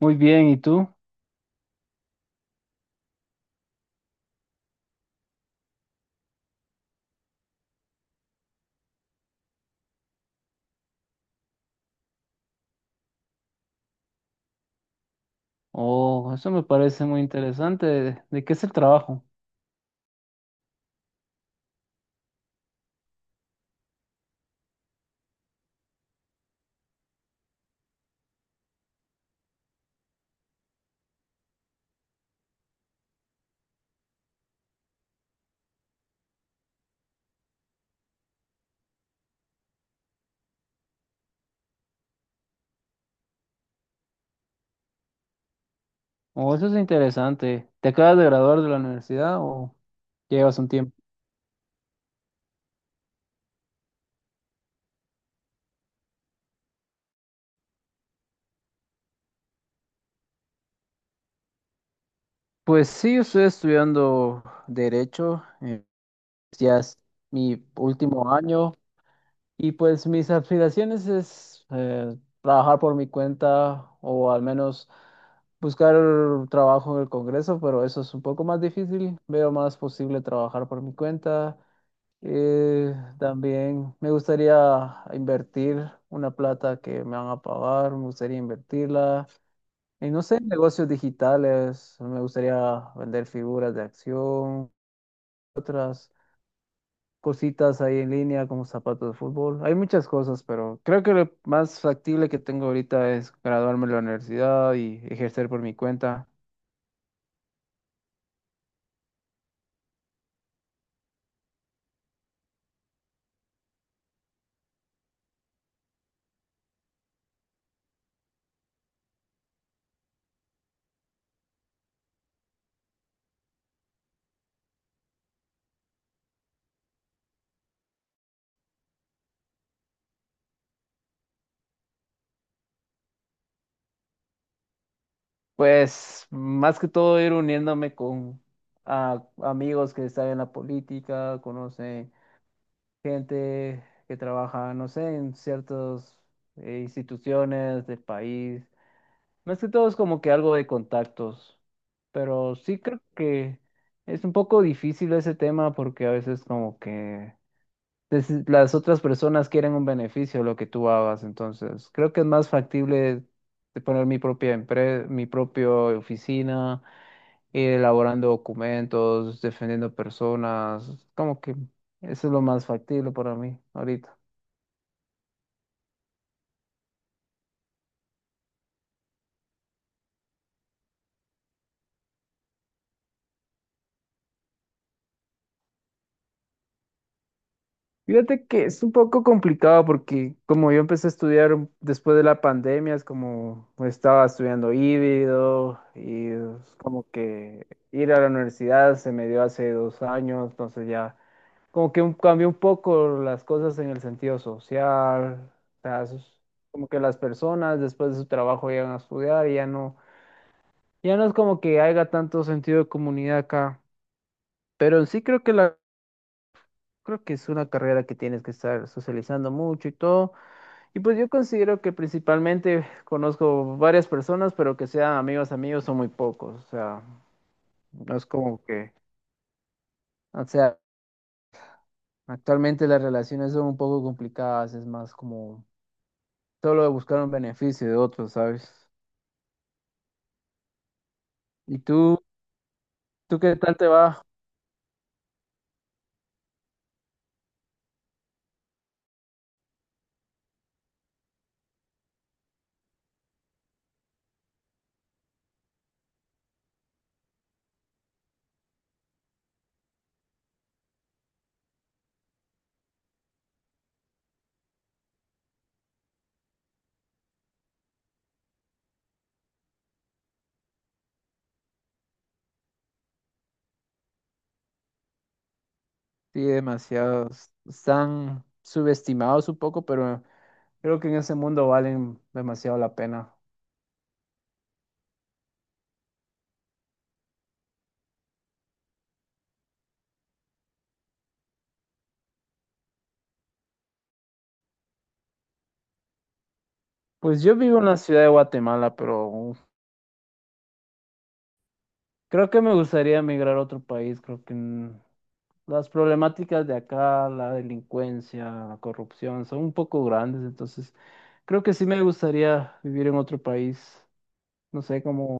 Muy bien, ¿y tú? Oh, eso me parece muy interesante. ¿De qué es el trabajo? Oh, eso es interesante. ¿Te acabas de graduar de la universidad o llevas un tiempo? Pues sí, yo estoy estudiando Derecho, ya es mi último año y pues mis aspiraciones es trabajar por mi cuenta o al menos buscar trabajo en el Congreso, pero eso es un poco más difícil. Veo más posible trabajar por mi cuenta. También me gustaría invertir una plata que me van a pagar, me gustaría invertirla en, no sé, negocios digitales, me gustaría vender figuras de acción, otras cositas ahí en línea como zapatos de fútbol. Hay muchas cosas, pero creo que lo más factible que tengo ahorita es graduarme de la universidad y ejercer por mi cuenta. Pues más que todo ir uniéndome con amigos que están en la política, conocen gente que trabaja, no sé, en ciertas instituciones del país. Más que todo es como que algo de contactos, pero sí creo que es un poco difícil ese tema porque a veces como que las otras personas quieren un beneficio de lo que tú hagas, entonces creo que es más factible de poner mi propia empresa, mi propia oficina, ir elaborando documentos, defendiendo personas, como que eso es lo más factible para mí ahorita. Fíjate que es un poco complicado porque como yo empecé a estudiar después de la pandemia, es como pues, estaba estudiando híbrido y es como que ir a la universidad se me dio hace dos años, entonces ya como que cambió un poco las cosas en el sentido social, o sea, es como que las personas después de su trabajo llegan a estudiar y ya no, ya no es como que haya tanto sentido de comunidad acá, pero sí creo que creo que es una carrera que tienes que estar socializando mucho y todo. Y pues yo considero que principalmente conozco varias personas, pero que sean amigos amigos son muy pocos. O sea, no es como que, o sea, actualmente las relaciones son un poco complicadas, es más como solo de buscar un beneficio de otros, ¿sabes? ¿Y tú qué tal te va? Sí, demasiados. Están subestimados un poco, pero creo que en ese mundo valen demasiado la pena. Pues yo vivo en la ciudad de Guatemala, pero creo que me gustaría emigrar a otro país. Creo que las problemáticas de acá, la delincuencia, la corrupción, son un poco grandes, entonces creo que sí me gustaría vivir en otro país, no sé, como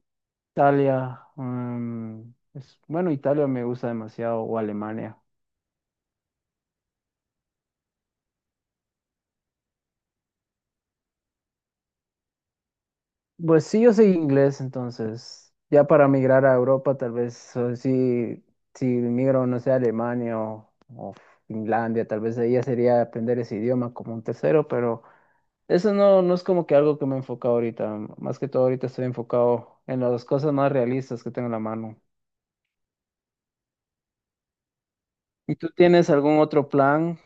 Italia, mm, bueno, Italia me gusta demasiado, o Alemania. Pues sí, yo soy inglés, entonces ya para migrar a Europa tal vez, o si migro, no sé, a Alemania o Finlandia, tal vez ahí ya sería aprender ese idioma como un tercero, pero... Eso no, no es como que algo que me enfoca ahorita. Más que todo ahorita estoy enfocado en las cosas más realistas que tengo en la mano. ¿Y tú tienes algún otro plan?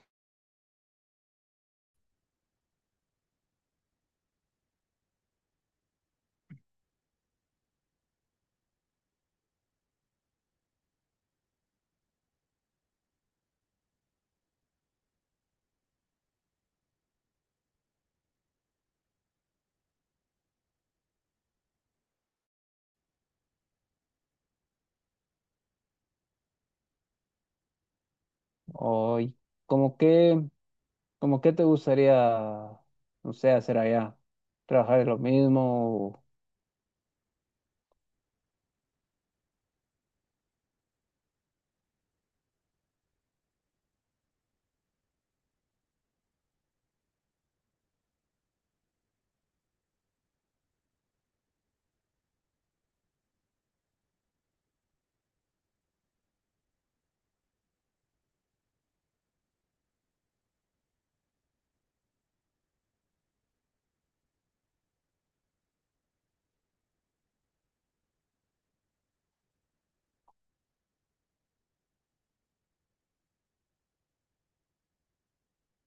¿O y como qué, como qué te gustaría, no sé, hacer allá? ¿Trabajar en lo mismo? ¿O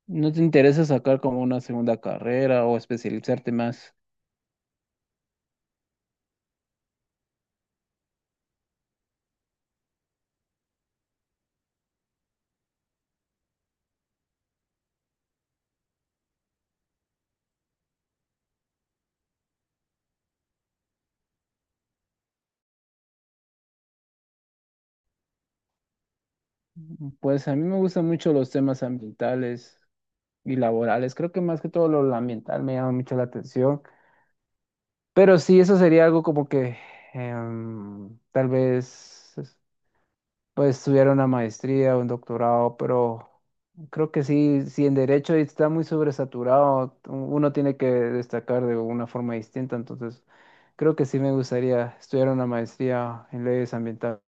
no te interesa sacar como una segunda carrera o especializarte más? Pues a mí me gustan mucho los temas ambientales y laborales. Creo que más que todo lo ambiental me llama mucho la atención. Pero sí, eso sería algo como que tal vez pues estudiar una maestría o un doctorado, pero creo que sí, si en derecho está muy sobresaturado, uno tiene que destacar de una forma distinta, entonces creo que sí me gustaría estudiar una maestría en leyes ambientales.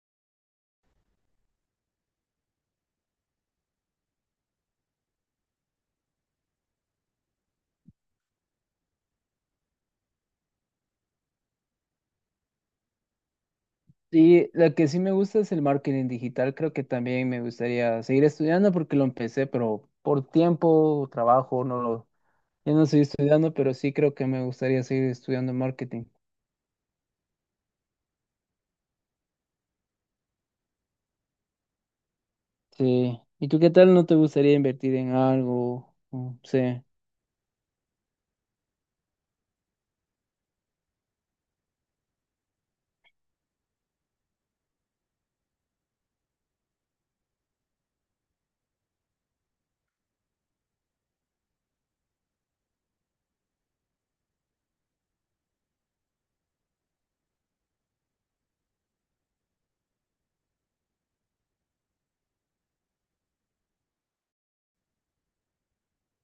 Y la que sí me gusta es el marketing digital, creo que también me gustaría seguir estudiando porque lo empecé, pero por tiempo, trabajo, no lo. Ya no estoy estudiando, pero sí creo que me gustaría seguir estudiando marketing. Sí. ¿Y tú qué tal? ¿No te gustaría invertir en algo? Mm, sí.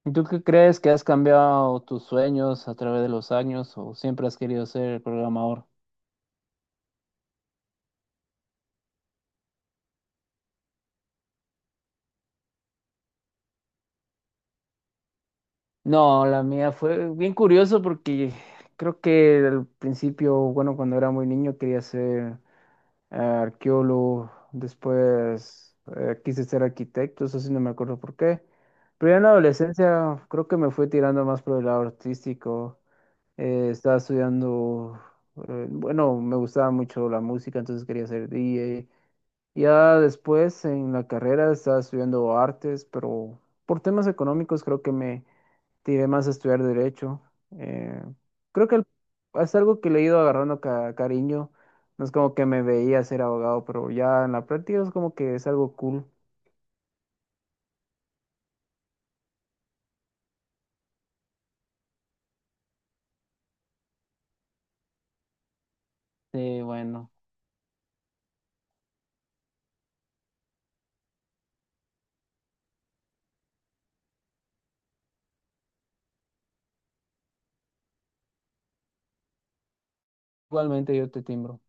¿Y tú qué crees que has cambiado tus sueños a través de los años o siempre has querido ser programador? No, la mía fue bien curioso porque creo que al principio, bueno, cuando era muy niño quería ser arqueólogo, después quise ser arquitecto, eso sí no me acuerdo por qué. Pero ya en la adolescencia creo que me fui tirando más por el lado artístico. Estaba estudiando, bueno, me gustaba mucho la música, entonces quería ser DJ. Ya después en la carrera estaba estudiando artes, pero por temas económicos creo que me tiré más a estudiar derecho. Eh, Creo que es algo que le he ido agarrando cariño. No es como que me veía ser abogado, pero ya en la práctica es como que es algo cool. Bueno, igualmente yo te timbro.